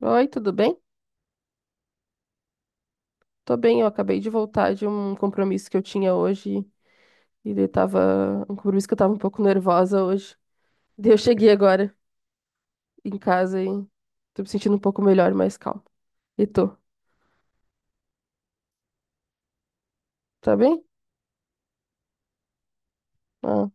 Oi, tudo bem? Tô bem, eu acabei de voltar de um compromisso que eu tinha hoje e daí tava um compromisso que eu tava um pouco nervosa hoje. Daí eu cheguei agora em casa e tô me sentindo um pouco melhor, mais calma. E tu, tá bem? Ah.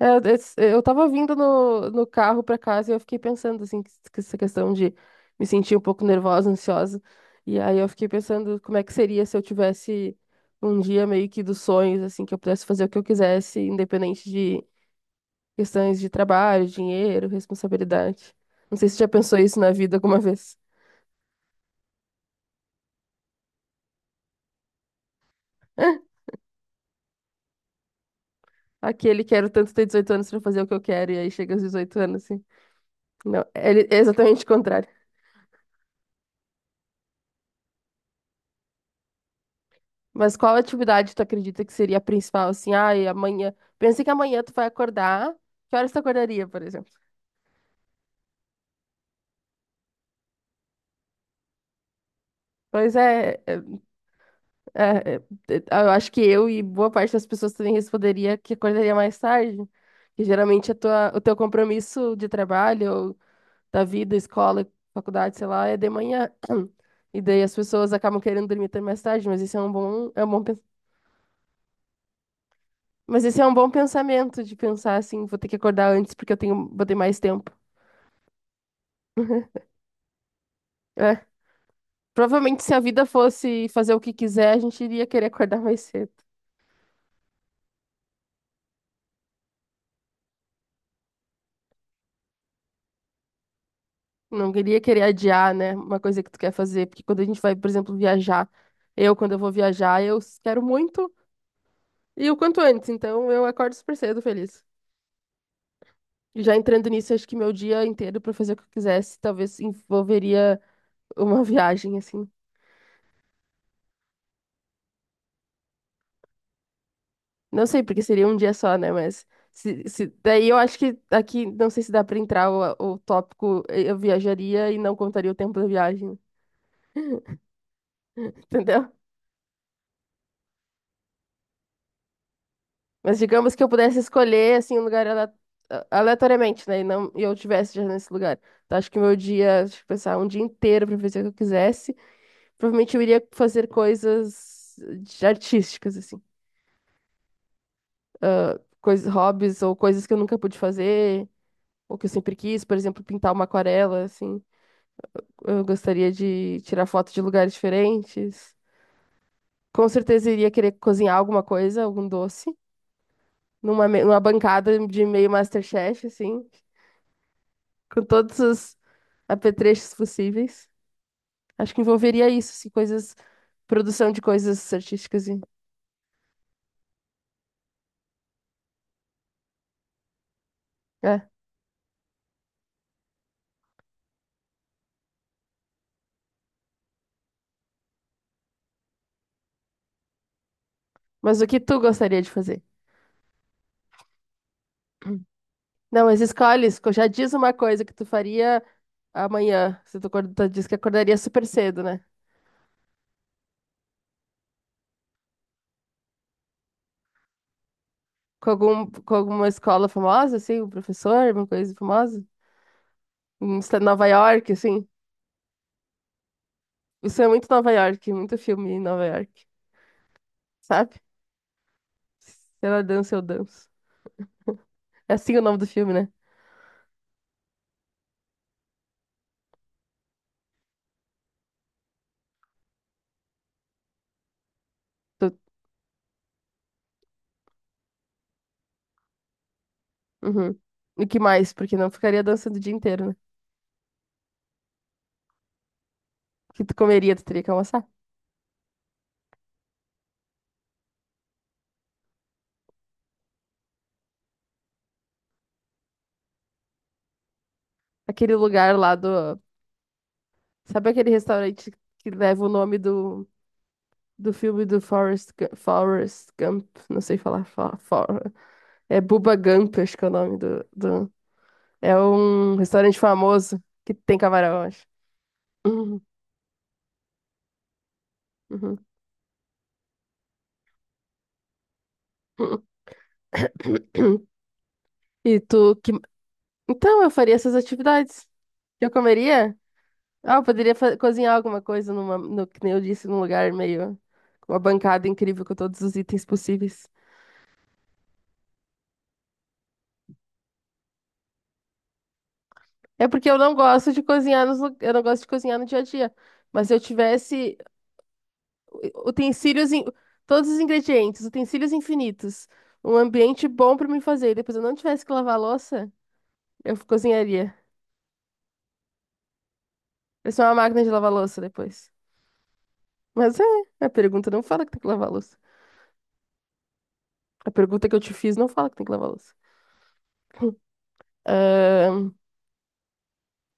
É, eu tava vindo no carro pra casa e eu fiquei pensando assim, que essa questão de me sentir um pouco nervosa, ansiosa. E aí eu fiquei pensando como é que seria se eu tivesse um dia meio que dos sonhos, assim, que eu pudesse fazer o que eu quisesse, independente de questões de trabalho, dinheiro, responsabilidade. Não sei se você já pensou isso na vida alguma vez. Aquele quero tanto ter 18 anos pra fazer o que eu quero, e aí chega aos 18 anos, assim. Não, é exatamente o contrário. Mas qual atividade tu acredita que seria a principal, assim? Ai, amanhã. Pensa que amanhã tu vai acordar. Que horas tu acordaria, por exemplo? Pois é, é, é, é, eu acho que eu e boa parte das pessoas também responderia que acordaria mais tarde. Que geralmente a tua, o teu compromisso de trabalho da vida, escola, faculdade, sei lá, é de manhã. E daí as pessoas acabam querendo dormir até mais tarde, mas esse é um bom, mas esse é um bom pensamento de pensar assim, vou ter que acordar antes porque eu tenho, vou ter mais tempo. É. Provavelmente se a vida fosse fazer o que quiser, a gente iria querer acordar mais cedo. Não iria querer adiar, né, uma coisa que tu quer fazer, porque quando a gente vai, por exemplo, viajar, eu quando eu vou viajar, quero muito e o quanto antes, então eu acordo super cedo feliz. Já entrando nisso, acho que meu dia inteiro pra fazer o que eu quisesse, talvez envolveria uma viagem, assim. Não sei, porque seria um dia só, né? Mas daí eu acho que aqui, não sei se dá pra entrar o tópico, eu viajaria e não contaria o tempo da viagem, entendeu? Mas digamos que eu pudesse escolher, assim, um lugar aleatoriamente, né? E não, e eu tivesse já nesse lugar. Então acho que meu dia, deixa eu pensar, um dia inteiro pra fazer o que eu quisesse, provavelmente eu iria fazer coisas artísticas, assim. Coisas, hobbies ou coisas que eu nunca pude fazer, ou que eu sempre quis, por exemplo, pintar uma aquarela, assim. Eu gostaria de tirar foto de lugares diferentes. Com certeza iria querer cozinhar alguma coisa, algum doce, numa bancada de meio MasterChef, assim, com todos os apetrechos possíveis. Acho que envolveria isso, assim, coisas, produção de coisas artísticas e, é. Mas o que tu gostaria de fazer? Não, mas escolhe, já diz uma coisa que tu faria amanhã, se disse que acordaria super cedo, né? Com com alguma escola famosa, assim, um professor, alguma coisa famosa? Em Nova York, assim. Isso é muito Nova York, muito filme em Nova York, sabe? Se ela dança, eu danço. É assim o nome do filme, né? Tu- Uhum. E que mais? Porque não ficaria dançando o dia inteiro, né? O que tu comeria, tu teria que almoçar. Aquele lugar lá do. Sabe aquele restaurante que leva o nome do filme do Forrest, Forrest Gump, não sei falar, é Bubba Gump, acho que é o nome do, do... É um restaurante famoso que tem camarão, acho. Uhum, uhum. E tu, que... Então, eu faria essas atividades. Eu comeria? Ah, eu poderia cozinhar alguma coisa no, que nem eu disse, num lugar meio, com uma bancada incrível com todos os itens possíveis. É porque eu não gosto de cozinhar eu não gosto de cozinhar no dia a dia. Mas se eu tivesse Utensílios, in- todos os ingredientes, utensílios infinitos. Um ambiente bom pra mim fazer. Depois eu não tivesse que lavar a louça, eu cozinharia. Vai ser uma máquina de lavar louça depois. Mas é, a pergunta não fala que tem que lavar louça. A pergunta que eu te fiz não fala que tem que lavar louça. Ahn,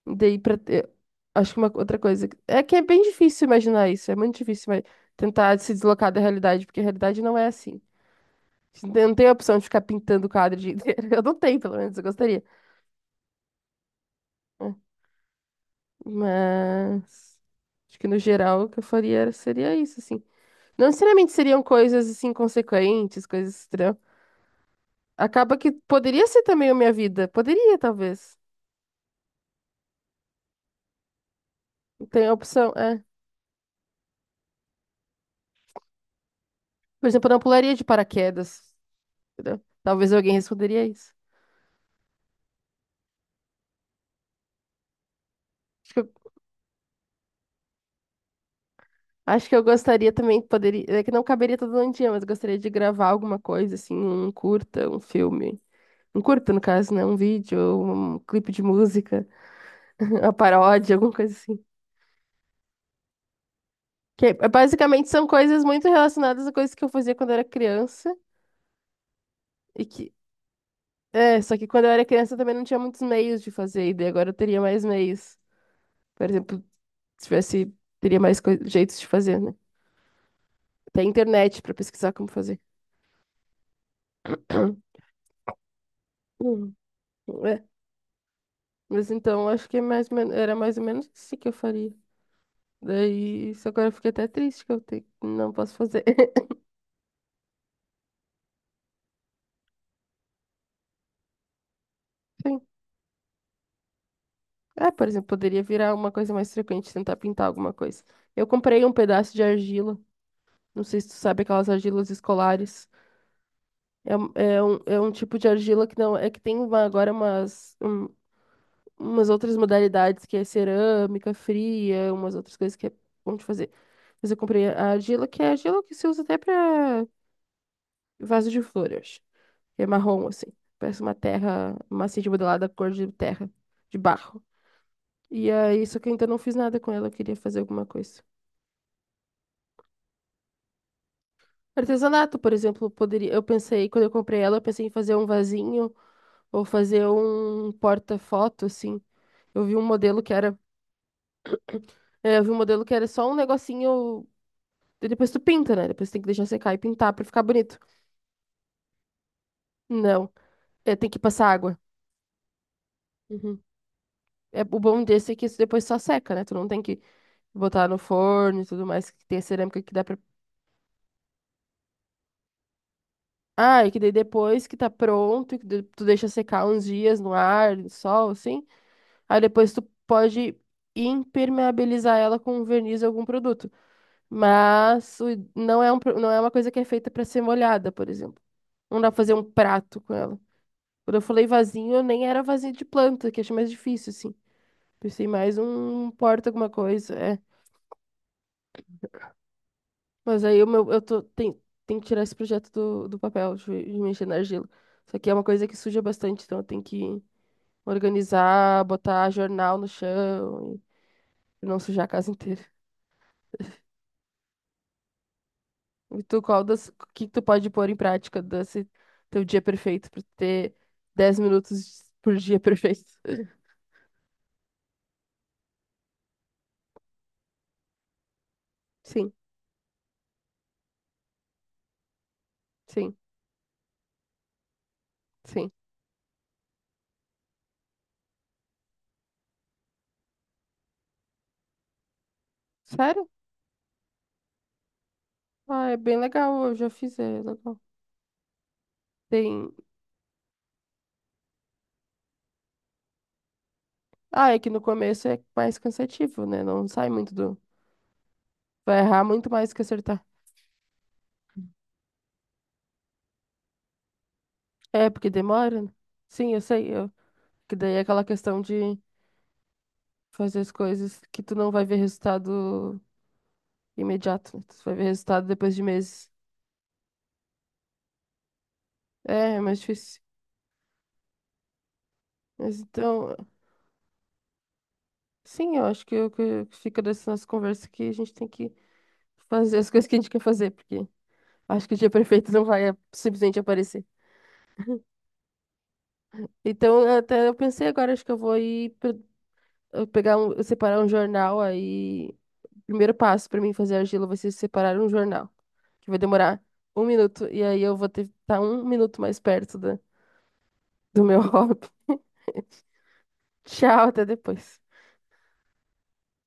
daí pra ter. Acho que uma outra coisa. É que é bem difícil imaginar isso. É muito difícil mas tentar se deslocar da realidade, porque a realidade não é assim. A gente não tem a opção de ficar pintando o quadro o dia inteiro. Eu não tenho, pelo menos, eu gostaria. Mas acho que no geral o que eu faria seria isso, assim. Não necessariamente seriam coisas assim consequentes, coisas estranhas. Acaba que poderia ser também a minha vida. Poderia, talvez. Tem a opção, é. Por exemplo, eu não pularia de paraquedas. Entendeu? Talvez alguém responderia isso. Acho que eu, acho que eu gostaria também, poderia, é que não caberia todo um dia, mas eu gostaria de gravar alguma coisa, assim, um curta, um filme. Um curta, no caso, né? Um vídeo, um clipe de música, uma paródia, alguma coisa assim. Que é, basicamente são coisas muito relacionadas a coisas que eu fazia quando eu era criança. E que. É, só que quando eu era criança eu também não tinha muitos meios de fazer, e daí agora eu teria mais meios. Por exemplo, se tivesse, teria mais jeitos de fazer, né? Tem internet pra pesquisar como fazer. Hum, é. Mas então acho que é mais, era mais ou menos isso que eu faria. Daí, isso agora eu fiquei até triste que não posso fazer. Sim. É, por exemplo, poderia virar uma coisa mais frequente, tentar pintar alguma coisa. Eu comprei um pedaço de argila. Não sei se tu sabe aquelas argilas escolares. É um tipo de argila que não. É que tem agora umas outras modalidades, que é cerâmica fria, umas outras coisas que é bom de fazer. Mas eu comprei a argila, que é a argila que se usa até pra vaso de flor, eu acho. É marrom, assim. Parece uma terra, uma assim de modelada cor de terra, de barro. E aí, só que eu ainda não fiz nada com ela, eu queria fazer alguma coisa. Artesanato, por exemplo, poderia. Eu pensei, quando eu comprei ela, eu pensei em fazer um vasinho. Ou fazer um porta-foto, assim. Eu vi um modelo que era. É, eu vi um modelo que era só um negocinho. E depois tu pinta, né? Depois tem que deixar secar e pintar pra ficar bonito. Não. É, tem que passar água. Uhum. É, o bom desse é que isso depois só seca, né? Tu não tem que botar no forno e tudo mais, que tem a cerâmica que dá pra. Ah, e que daí depois que tá pronto, e que tu deixa secar uns dias no ar, no sol, assim. Aí depois tu pode impermeabilizar ela com um verniz ou algum produto. Mas não é não é uma coisa que é feita para ser molhada, por exemplo. Não dá pra fazer um prato com ela. Quando eu falei vasinho, eu nem era vasinho de planta, que eu achei mais difícil, assim. Pensei mais um porta alguma coisa, é. Mas aí o meu, eu tô, tem que tirar esse projeto do papel, de mexer na argila. Isso aqui é uma coisa que suja bastante, então eu tenho que organizar, botar jornal no chão e não sujar a casa inteira. E tu, o que que tu pode pôr em prática desse teu dia perfeito pra ter 10 minutos por dia perfeito? Sim, sim, sim. Sério? Ah, é bem legal, eu já fiz, é legal. Tem... Ah, é que no começo é mais cansativo, né? Não sai muito do... Vai errar muito mais que acertar. É, porque demora, né? Sim, eu sei, eu... Que daí é aquela questão de fazer as coisas que tu não vai ver resultado imediato, né? Tu vai ver resultado depois de meses. É, é mais difícil. Mas então, sim, eu acho que o que fica dessa nossa conversa que a gente tem que fazer as coisas que a gente quer fazer, porque acho que o dia perfeito não vai é, simplesmente aparecer. Então, até eu pensei agora, acho que eu vou ir eu pegar um, separar um jornal aí. O primeiro passo para mim fazer argila vai ser separar um jornal, que vai demorar um minuto, e aí eu vou ter estar um minuto mais perto do meu hobby. Tchau, até depois.